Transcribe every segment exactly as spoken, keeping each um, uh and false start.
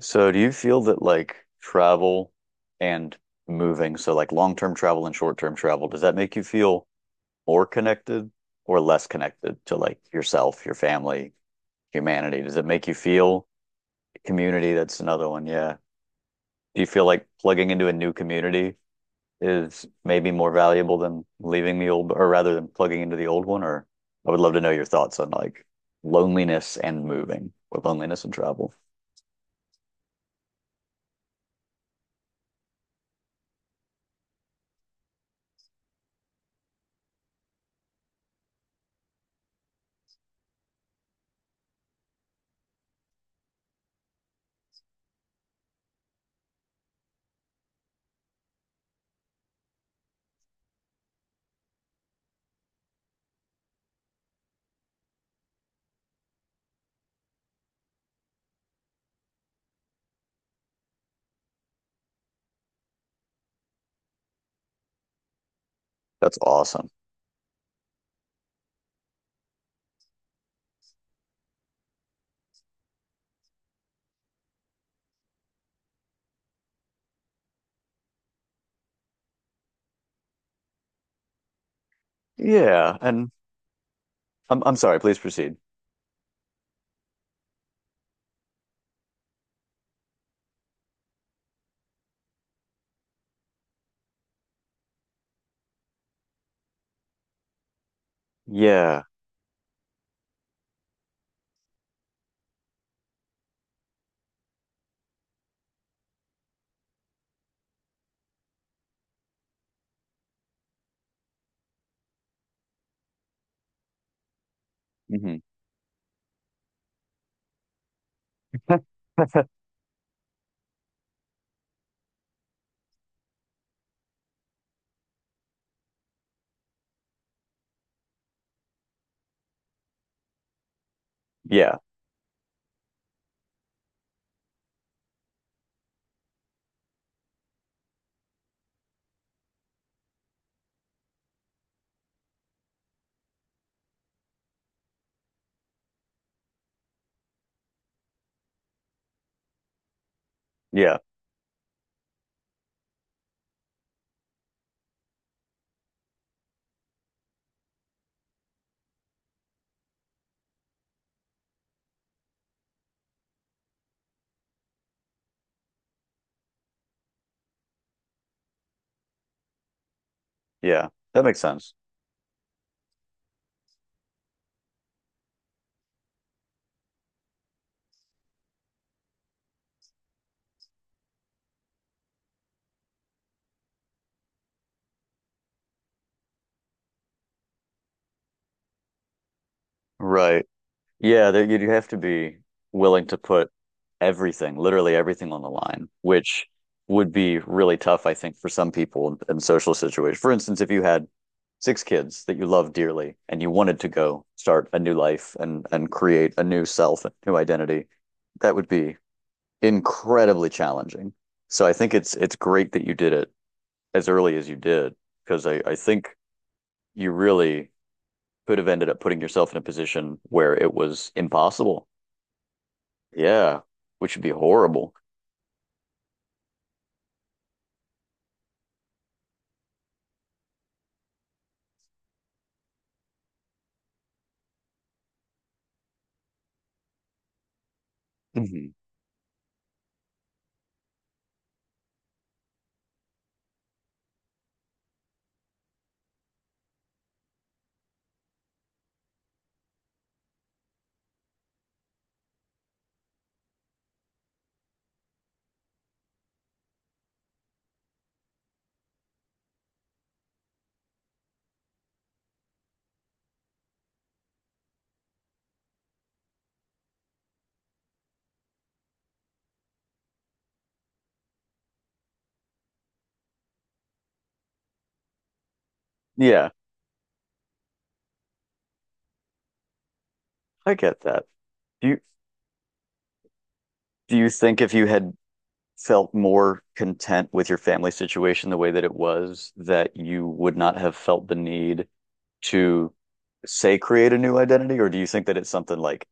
So do you feel that like travel and moving, so like long-term travel and short-term travel, does that make you feel more connected or less connected to like yourself, your family, humanity? Does it make you feel community? That's another one. Yeah. Do you feel like plugging into a new community is maybe more valuable than leaving the old, or rather than plugging into the old one? Or I would love to know your thoughts on like loneliness and moving or loneliness and travel. That's awesome. Yeah. And I'm I'm sorry, please proceed. Yeah. Hmm. Yeah. Yeah. Yeah. That makes sense. Right. Yeah, there you'd have to be willing to put everything, literally everything on the line, which would be really tough, I think, for some people in, in social situations. For instance, if you had six kids that you love dearly and you wanted to go start a new life and and create a new self, a new identity, that would be incredibly challenging. So I think it's it's great that you did it as early as you did because I, I think you really could have ended up putting yourself in a position where it was impossible. Yeah, which would be horrible. Mhm. Yeah, I get that. Do you do you think if you had felt more content with your family situation the way that it was, that you would not have felt the need to say create a new identity, or do you think that it's something like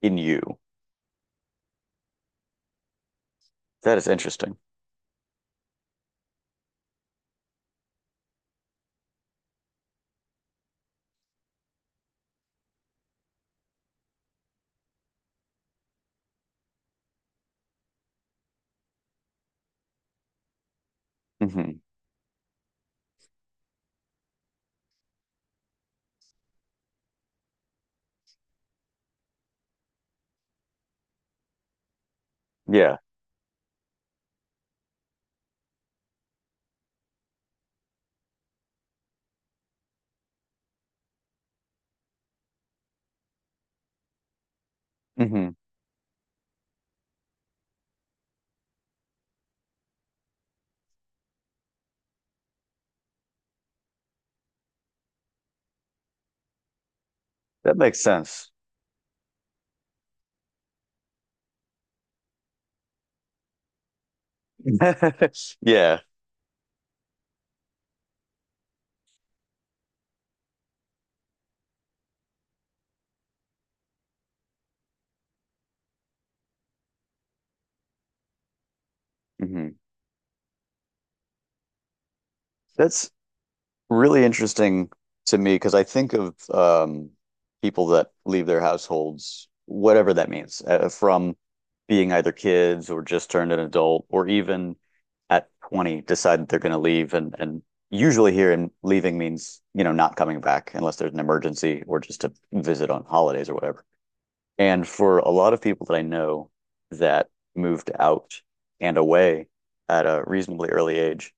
in you? That is interesting. Hmm. Yeah. Hmm. That makes sense. Yeah. Hmm. That's really interesting to me because I think of um, people that leave their households, whatever that means, uh, from being either kids or just turned an adult, or even at twenty decide that they're going to leave. And, and usually here in leaving means, you know, not coming back unless there's an emergency or just to visit on holidays or whatever. And for a lot of people that I know that moved out and away at a reasonably early age,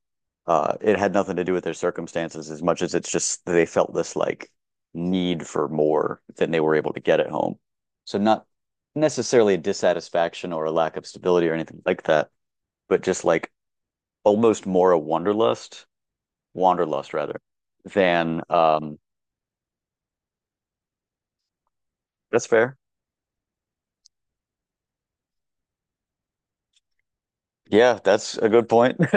uh, it had nothing to do with their circumstances as much as it's just they felt this like need for more than they were able to get at home. So not necessarily a dissatisfaction or a lack of stability or anything like that, but just like almost more a wanderlust, wanderlust rather than um, that's fair. Yeah, that's a good point.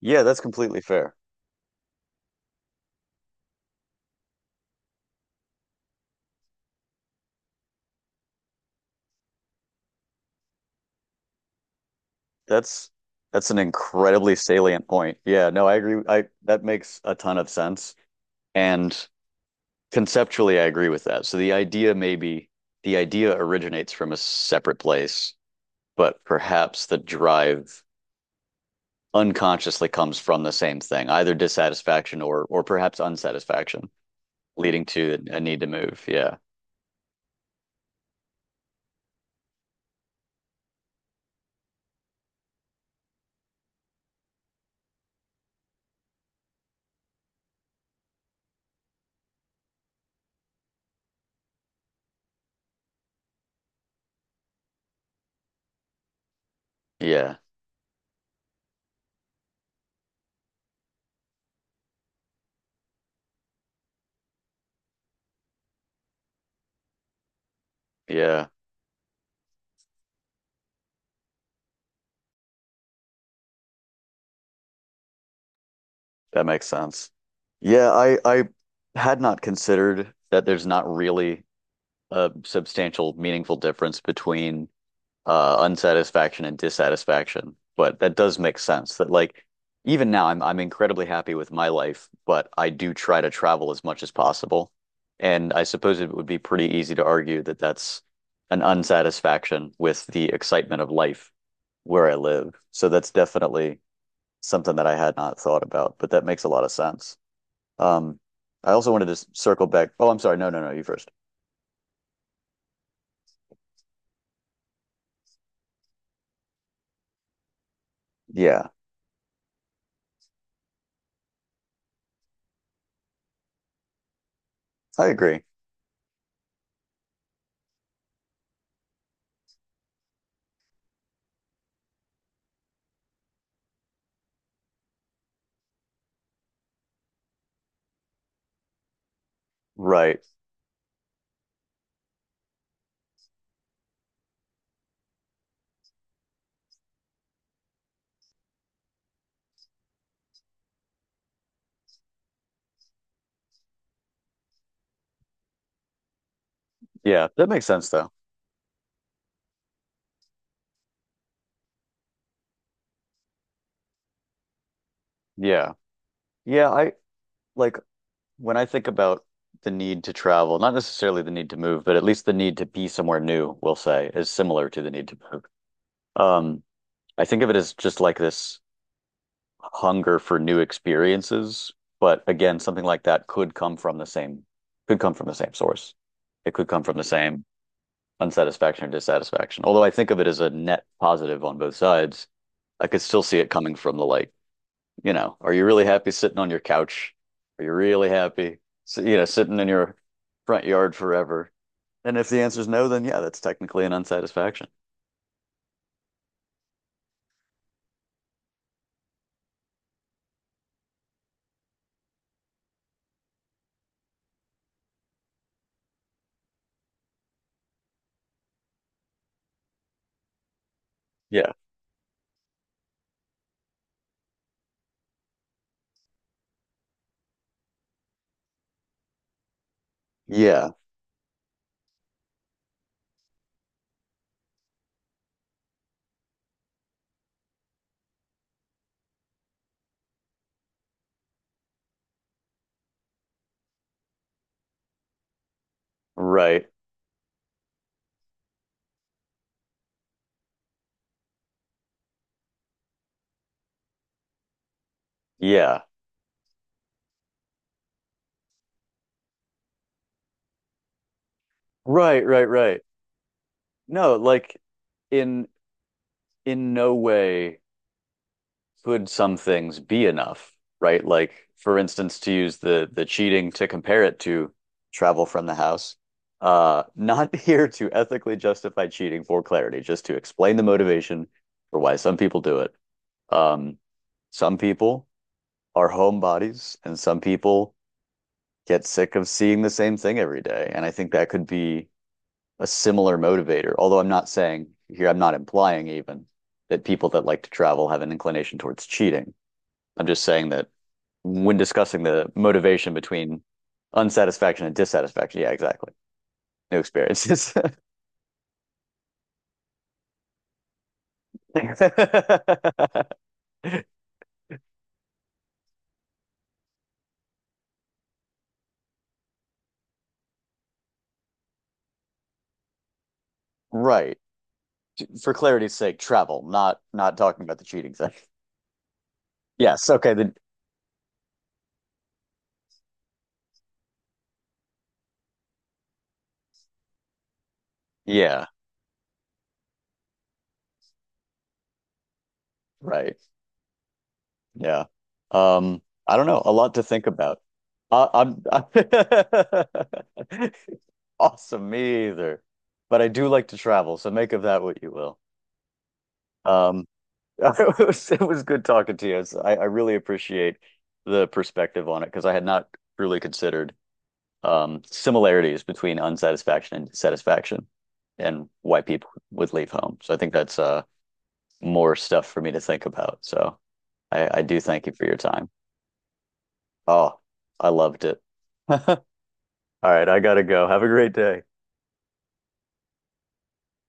Yeah, that's completely fair. That's that's an incredibly salient point. Yeah, no, I agree. I That makes a ton of sense. And conceptually, I agree with that. So the idea maybe the idea originates from a separate place, but perhaps the drive unconsciously comes from the same thing, either dissatisfaction or or perhaps unsatisfaction, leading to a need to move. Yeah. Yeah. Yeah. That makes sense. Yeah, I I had not considered that there's not really a substantial, meaningful difference between uh, unsatisfaction and dissatisfaction. But that does make sense that like even now I'm I'm incredibly happy with my life, but I do try to travel as much as possible. And I suppose it would be pretty easy to argue that that's an unsatisfaction with the excitement of life where I live. So that's definitely something that I had not thought about, but that makes a lot of sense. Um, I also wanted to s- circle back. Oh, I'm sorry. No, no, no. You first. Yeah, I agree. Right. Yeah, that makes sense though. Yeah. Yeah, I like when I think about the need to travel, not necessarily the need to move, but at least the need to be somewhere new, we'll say, is similar to the need to move. Um, I think of it as just like this hunger for new experiences, but again, something like that could come from the same could come from the same source. It could come from the same unsatisfaction or dissatisfaction. Although I think of it as a net positive on both sides, I could still see it coming from the like you know, are you really happy sitting on your couch? Are you really happy, you know, sitting in your front yard forever? And if the answer is no, then yeah, that's technically an unsatisfaction. Yeah. Yeah. Right. Yeah. Right, right, right. No, like in in no way could some things be enough, right? Like, for instance, to use the the cheating to compare it to travel from the house. Uh, not here to ethically justify cheating for clarity, just to explain the motivation for why some people do it. Um, some people are homebodies, and some people get sick of seeing the same thing every day. And I think that could be a similar motivator. Although I'm not saying here, I'm not implying even that people that like to travel have an inclination towards cheating. I'm just saying that when discussing the motivation between unsatisfaction and dissatisfaction, yeah, exactly. New experiences. right. For clarity's sake, travel, not not talking about the cheating thing. Yes, okay, the yeah, right. Yeah. Um, I don't know, a lot to think about. I, I'm, I'm awesome, me either. But I do like to travel, so make of that what you will. Um It was, it was good talking to you. It's- I, I really appreciate the perspective on it because I had not really considered um, similarities between unsatisfaction and satisfaction and why people would leave home. So I think that's uh, more stuff for me to think about. So I, I do thank you for your time. Oh, I loved it. All right, I gotta go. Have a great day.